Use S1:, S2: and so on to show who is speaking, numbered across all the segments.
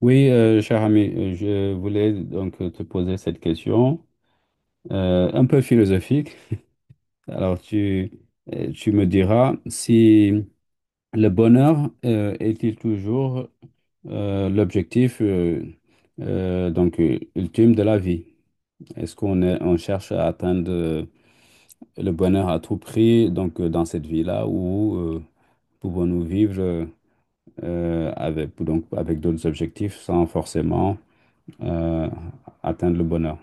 S1: Oui, cher ami, je voulais donc te poser cette question un peu philosophique. Alors, tu me diras si le bonheur est-il toujours l'objectif ultime de la vie? On cherche à atteindre le bonheur à tout prix donc dans cette vie-là ou pouvons-nous vivre avec donc avec d'autres objectifs sans forcément euh, atteindre le bonheur.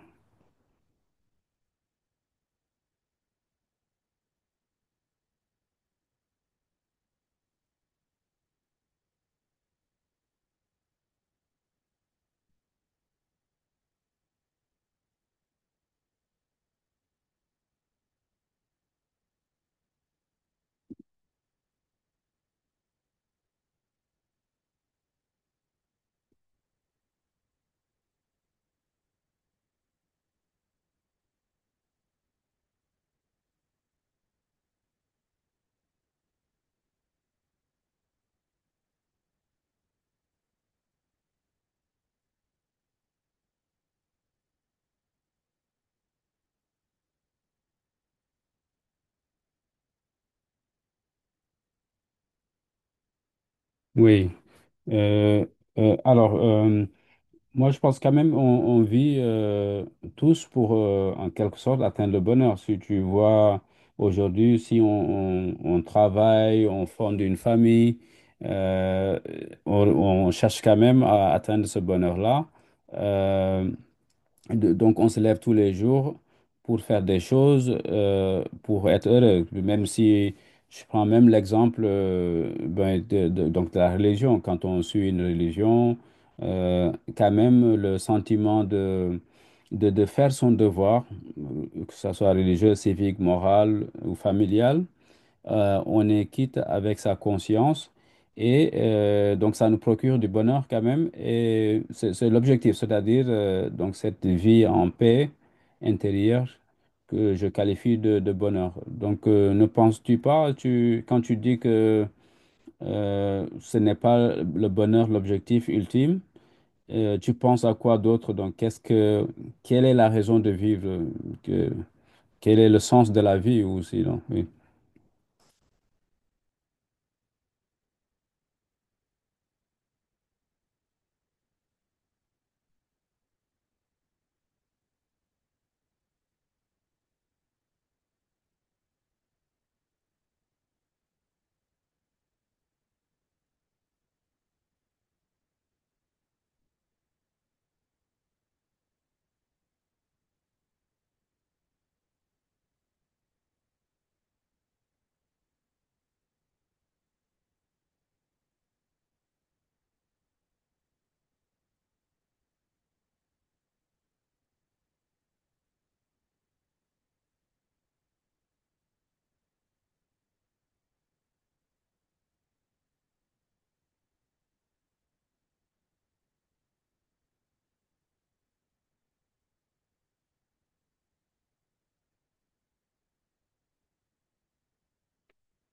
S1: Oui. Euh, alors, moi, je pense quand même on vit tous pour, en quelque sorte, atteindre le bonheur. Si tu vois, aujourd'hui, si on, on travaille, on fonde une famille, euh, on cherche quand même à atteindre ce bonheur-là. Euh, Donc, on se lève tous les jours pour faire des choses, pour être heureux. Même si je prends même l'exemple ben, donc de la religion, quand on suit une religion, euh, quand même le sentiment de faire son devoir, que ce soit religieux, civique, moral ou familial, on est quitte avec sa conscience et donc ça nous procure du bonheur quand même et c'est l'objectif, c'est-à-dire donc cette vie en paix intérieure que je qualifie de bonheur. Donc ne penses-tu pas, tu, quand tu dis que ce n'est pas le bonheur l'objectif ultime, tu penses à quoi d'autre? Donc quelle est la raison de vivre? Que, quel est le sens de la vie ou sinon? Oui.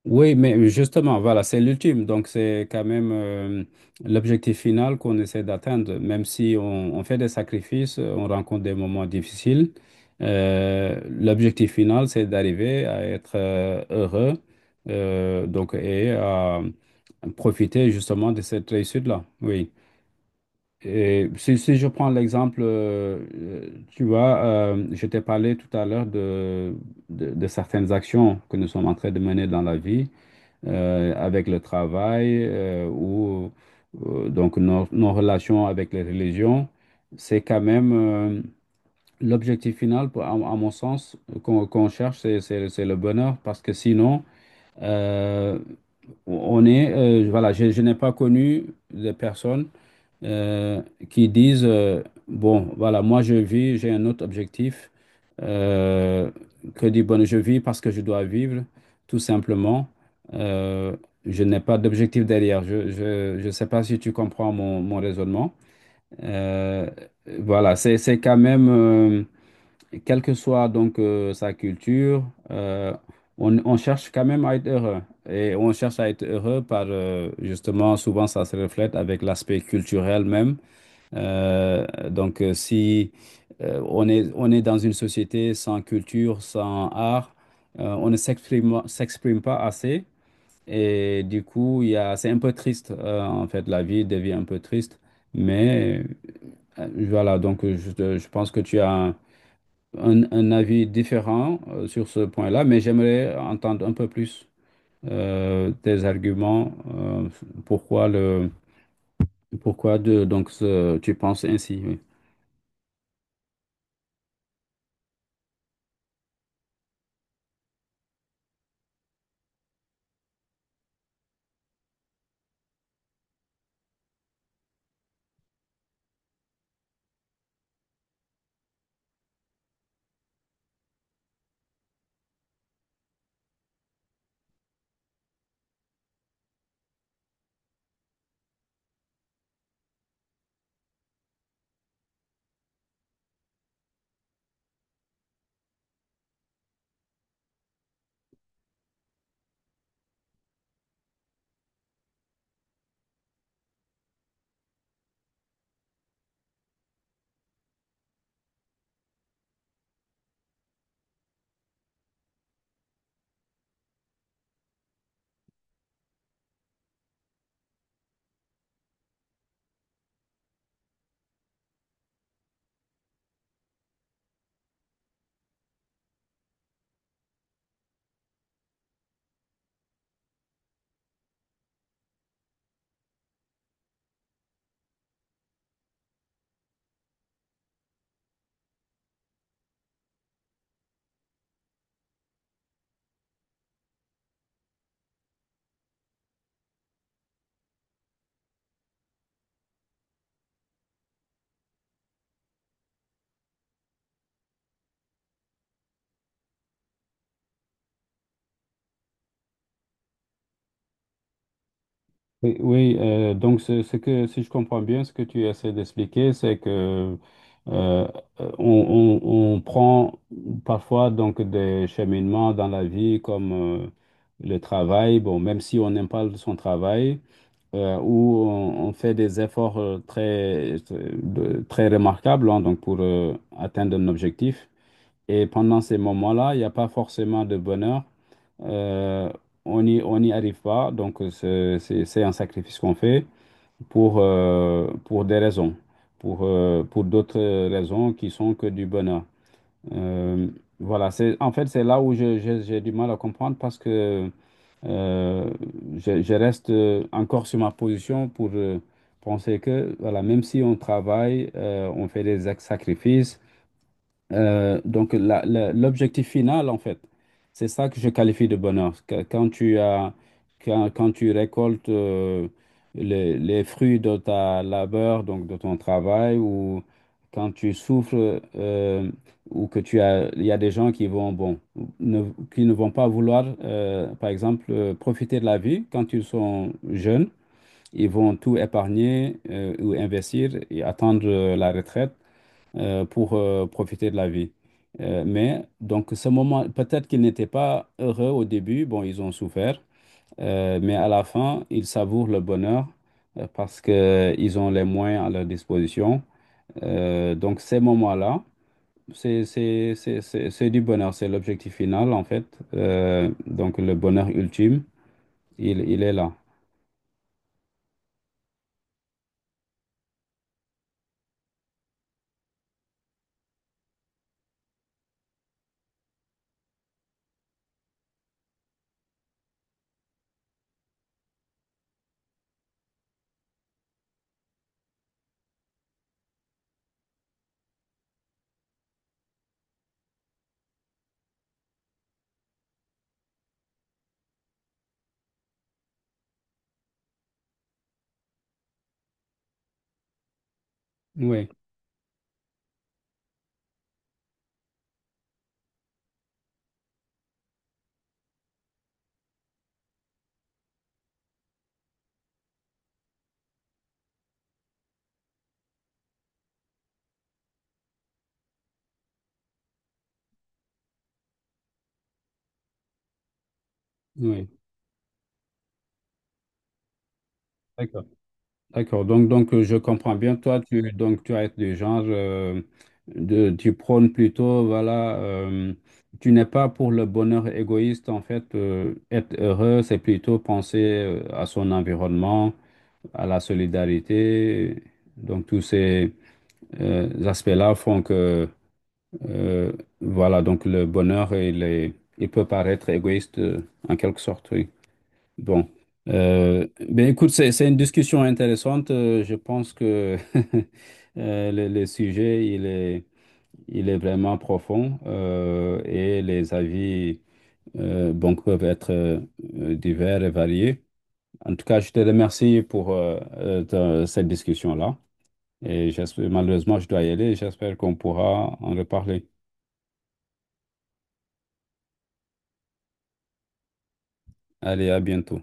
S1: Oui, mais justement, voilà, c'est l'ultime. Donc, c'est quand même l'objectif final qu'on essaie d'atteindre. Même si on fait des sacrifices, on rencontre des moments difficiles, l'objectif final, c'est d'arriver à être heureux donc, et à profiter justement de cette réussite-là. Oui. Et si je prends l'exemple, tu vois, je t'ai parlé tout à l'heure de certaines actions que nous sommes en train de mener dans la vie avec le travail ou donc nos relations avec les religions, c'est quand même l'objectif final, à mon sens, qu'on cherche, c'est le bonheur parce que sinon, euh, on est, voilà, je n'ai pas connu de personnes euh, qui disent, bon, voilà, moi je vis, j'ai un autre objectif. Euh, que dit bon, je vis parce que je dois vivre, tout simplement. Euh, je n'ai pas d'objectif derrière. Je sais pas si tu comprends mon raisonnement. Euh, voilà, c'est quand même, quelle que soit donc sa culture, euh, on cherche quand même à être heureux. Et on cherche à être heureux par, justement, souvent ça se reflète avec l'aspect culturel même donc, si on est dans une société sans culture, sans art, on ne s'exprime pas assez. Et du coup, il y a, c'est un peu triste. En fait, la vie devient un peu triste. Mais voilà, donc je pense que tu as un avis différent sur ce point-là, mais j'aimerais entendre un peu plus tes arguments. Pourquoi pourquoi tu penses ainsi? Oui. Oui, oui, donc ce que, si je comprends bien, ce que tu essaies d'expliquer, c'est que euh, on prend parfois donc des cheminements dans la vie comme le travail, bon, même si on n'aime pas son travail, où on fait des efforts très, très remarquables hein, donc pour atteindre un objectif. Et pendant ces moments-là, il n'y a pas forcément de bonheur. Euh, on n'y arrive pas, donc c'est un sacrifice qu'on fait pour, pour d'autres raisons qui sont que du bonheur. Euh, voilà, c'est, en fait, c'est là où j'ai du mal à comprendre parce que euh, je reste encore sur ma position pour penser que, voilà, même si on travaille, on fait des sacrifices. Donc, l'objectif final, en fait, c'est ça que je qualifie de bonheur. Quand tu as, quand tu récoltes les fruits de ta labeur, donc de ton travail, ou quand tu souffres, ou que tu as, il y a des gens qui vont, bon, ne, qui ne vont pas vouloir, par exemple, profiter de la vie quand ils sont jeunes. Ils vont tout épargner ou investir et attendre la retraite pour profiter de la vie. Mais donc ce moment, peut-être qu'ils n'étaient pas heureux au début, bon, ils ont souffert, mais à la fin, ils savourent le bonheur parce qu'ils ont les moyens à leur disposition. Donc ces moments-là, c'est du bonheur, c'est l'objectif final en fait. Donc le bonheur ultime, il est là. Oui, oui. D'accord. D'accord, donc je comprends bien, toi, tu, donc, tu as été du genre, tu prônes plutôt, voilà, tu n'es pas pour le bonheur égoïste, en fait, être heureux, c'est plutôt penser à son environnement, à la solidarité. Donc, tous ces aspects-là font que, euh, voilà, donc le bonheur, il peut paraître égoïste en quelque sorte, oui. Bon, ben écoute, c'est une discussion intéressante. Je pense que le sujet, il est vraiment profond et les avis bon, peuvent être divers et variés. En tout cas, je te remercie pour cette discussion-là. Et j'espère, malheureusement, je dois y aller. J'espère qu'on pourra en reparler. Allez, à bientôt.